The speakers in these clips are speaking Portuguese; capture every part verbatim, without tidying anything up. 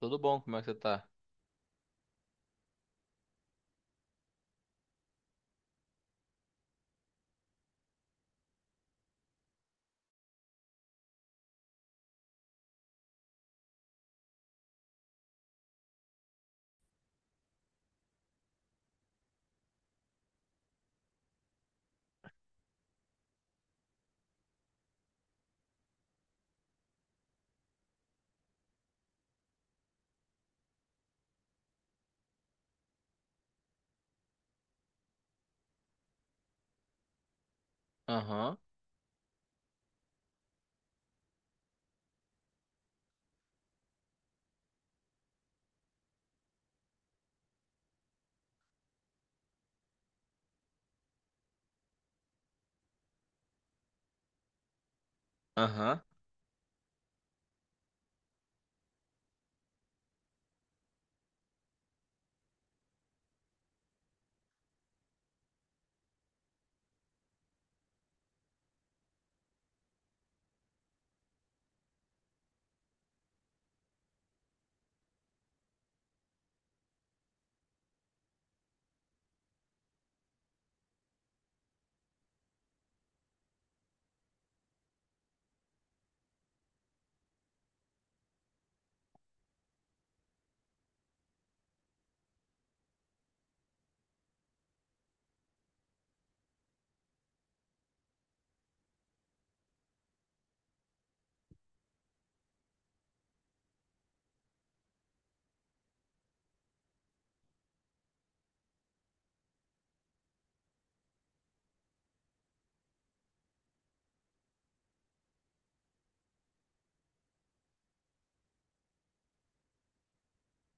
Tudo bom? Como é que você tá? Aham, aham,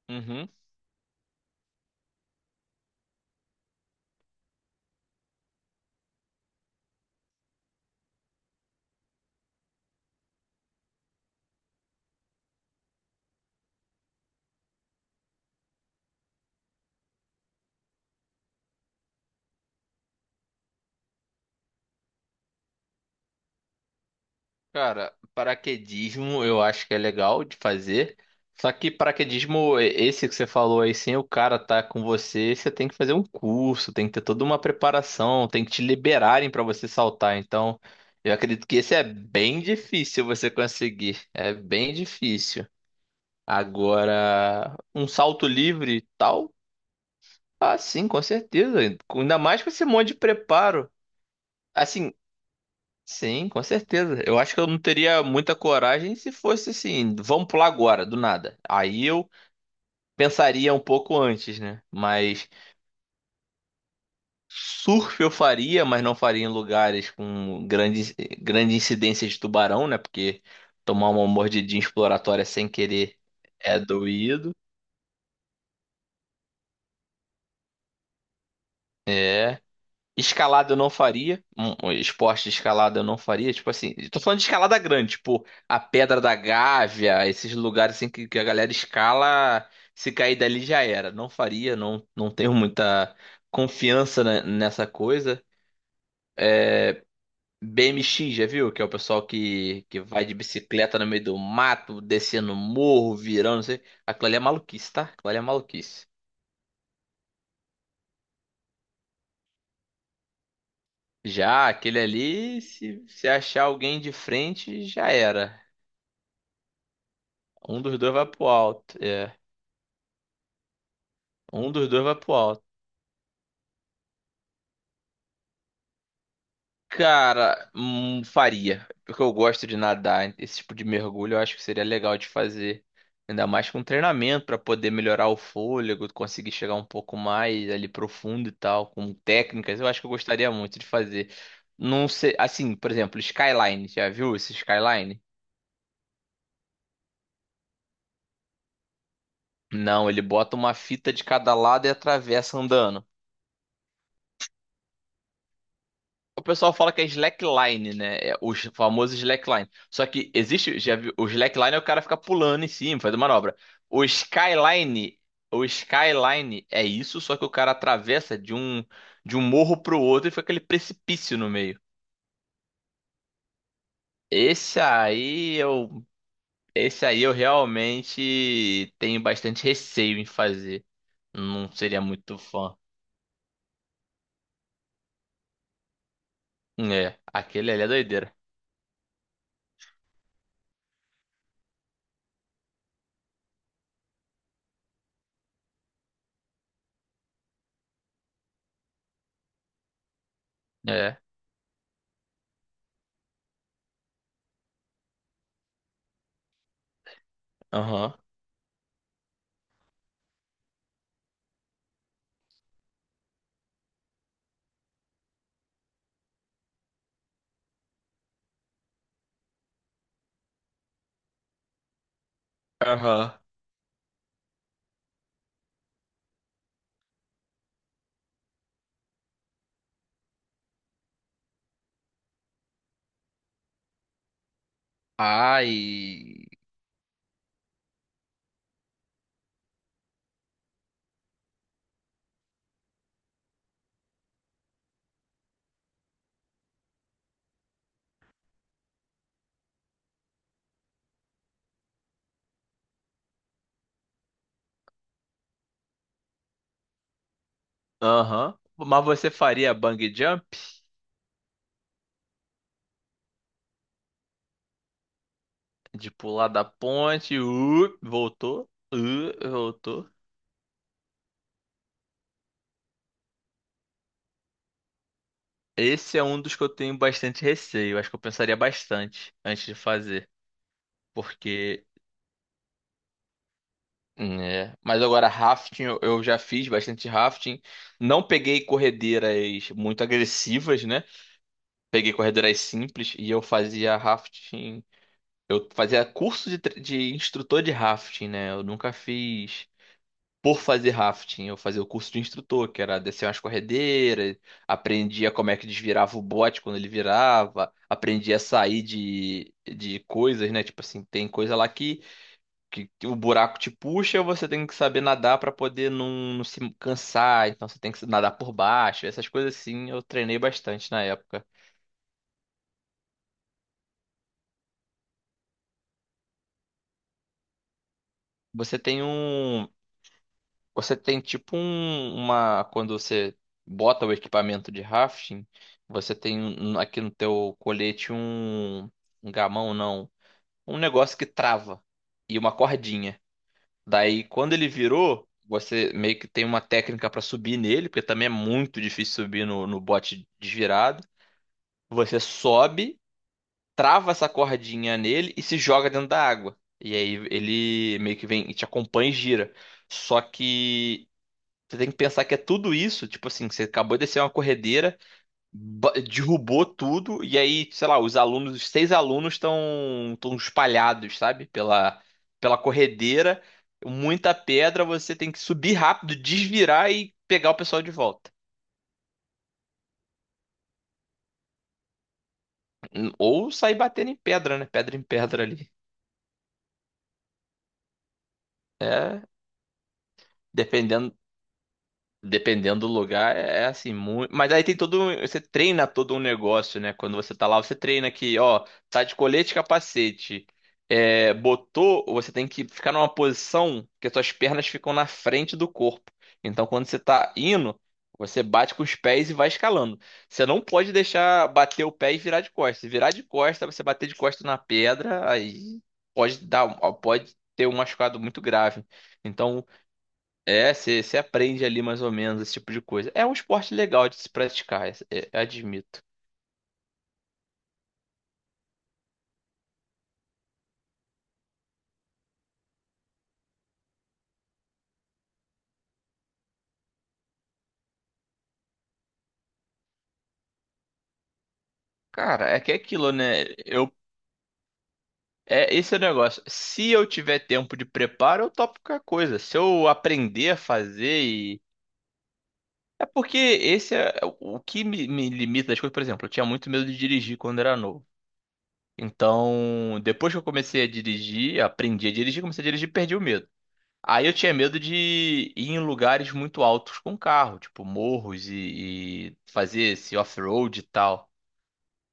uhum. Cara, paraquedismo eu acho que é legal de fazer. Só que paraquedismo, e- esse que você falou aí, sem o cara tá com você, você tem que fazer um curso, tem que ter toda uma preparação, tem que te liberarem pra você saltar. Então, eu acredito que esse é bem difícil você conseguir. É bem difícil. Agora, um salto livre e tal, ah, sim, com certeza. Ainda mais com esse monte de preparo. Assim, sim, com certeza. Eu acho que eu não teria muita coragem se fosse assim, vamos pular agora, do nada. Aí eu pensaria um pouco antes, né? Mas surf eu faria, mas não faria em lugares com grande, grande incidência de tubarão, né? Porque tomar uma mordidinha exploratória sem querer é doído. Escalada eu não faria. Um um esporte de escalada eu não faria. Tipo assim, eu tô falando de escalada grande, tipo a Pedra da Gávea, esses lugares assim que, que a galera escala, se cair dali já era. Não faria, não, não tenho muita confiança ne- nessa coisa. B M X, já viu? Que é o pessoal que, que vai de bicicleta no meio do mato, descendo morro, virando, não sei. Aquilo ali é maluquice, tá? Aquilo ali é maluquice. Já aquele ali, se, se achar alguém de frente, já era. Um dos dois vai pro alto. É. Um dos dois vai pro alto. Cara, hum, faria. Porque eu gosto de nadar. Esse tipo de mergulho eu acho que seria legal de fazer. Ainda mais com treinamento pra poder melhorar o fôlego, conseguir chegar um pouco mais ali profundo e tal, com técnicas. Eu acho que eu gostaria muito de fazer. Não sei, assim, por exemplo, skyline. Já viu esse skyline? Não, ele bota uma fita de cada lado e atravessa andando. O pessoal fala que é slackline, né? É o ch- famoso slackline. Só que existe, já viu, o slackline é o cara ficar pulando em cima, fazendo manobra. O skyline, o skyline é isso, só que o cara atravessa de um de um morro pro outro e fica aquele precipício no meio. Esse aí eu, esse aí eu realmente tenho bastante receio em fazer. Não seria muito fã. É, aquele ali é doideira. É, aham. Aham. Ai. Aham. Mas você faria bang jump? De pular da ponte, uh, voltou, uh, voltou. Esse é um dos que eu tenho bastante receio. Acho que eu pensaria bastante antes de fazer. Porque. Né? Mas agora, rafting, eu eu já fiz bastante rafting. Não peguei corredeiras muito agressivas, né? Peguei corredeiras simples e eu fazia rafting. Eu fazia curso de, tre- de instrutor de rafting, né? Eu nunca fiz. Por fazer rafting, eu fazia o curso de instrutor, que era descer umas corredeiras, aprendia como é que desvirava o bote quando ele virava, aprendia a sair de, de coisas, né? Tipo assim, tem coisa lá que, que o buraco te puxa, você tem que saber nadar pra poder não, não se cansar, então você tem que nadar por baixo, essas coisas assim, eu treinei bastante na época. Você tem um, Você tem tipo um, uma. Quando você bota o equipamento de rafting, você tem um- um, aqui no teu colete um, um gamão, não. Um negócio que trava e uma cordinha. Daí, quando ele virou, você meio que tem uma técnica pra subir nele, porque também é muito difícil subir no, no bote desvirado. Você sobe, trava essa cordinha nele e se joga dentro da água. E aí ele meio que vem e te acompanha e gira. Só que. Você tem que pensar que é tudo isso, tipo assim, que você acabou de descer uma corredeira, ba- derrubou tudo, e aí, sei lá, os alunos, os seis alunos estão estão espalhados, sabe? Pela, pela corredeira, muita pedra, você tem que subir rápido, desvirar e pegar o pessoal de volta. Ou sair batendo em pedra, né? Pedra em pedra ali. É, dependendo Dependendo do lugar, é é assim, muito. Mas aí tem todo. um- Você treina todo um negócio, né? Quando você tá lá, você treina que, ó, tá de colete e capacete. É, botou, você tem que ficar numa posição que as suas pernas ficam na frente do corpo. Então, quando você tá indo, você bate com os pés e vai escalando. Você não pode deixar bater o pé e virar de costas. Se virar de costas, você bater de costas na pedra, aí pode dar, pode ter um machucado muito grave. Então, é, você você aprende ali mais ou menos esse tipo de coisa. É um esporte legal de se praticar, é- é- admito. Cara, é que é aquilo, né? Eu, é, esse é o negócio. Se eu tiver tempo de preparo, eu topo qualquer coisa. Se eu aprender a fazer e. É porque esse é o que me, me limita das coisas. Por exemplo, eu tinha muito medo de dirigir quando era novo. Então, depois que eu comecei a dirigir, aprendi a dirigir, comecei a dirigir, perdi o medo. Aí eu tinha medo de ir em lugares muito altos com carro, tipo morros e, e fazer esse off-road e tal.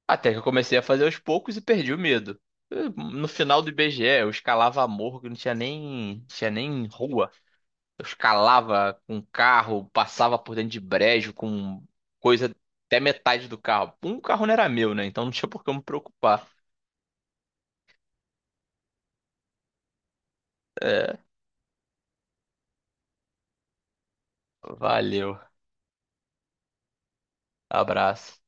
Até que eu comecei a fazer aos poucos e perdi o medo. Eu- No final do IBGE, eu escalava morro que não tinha nem, tinha nem rua. Eu escalava com carro, passava por dentro de brejo com coisa até metade do carro. Um carro não era meu, né? Então não tinha por que eu me preocupar. É, valeu. Abraço.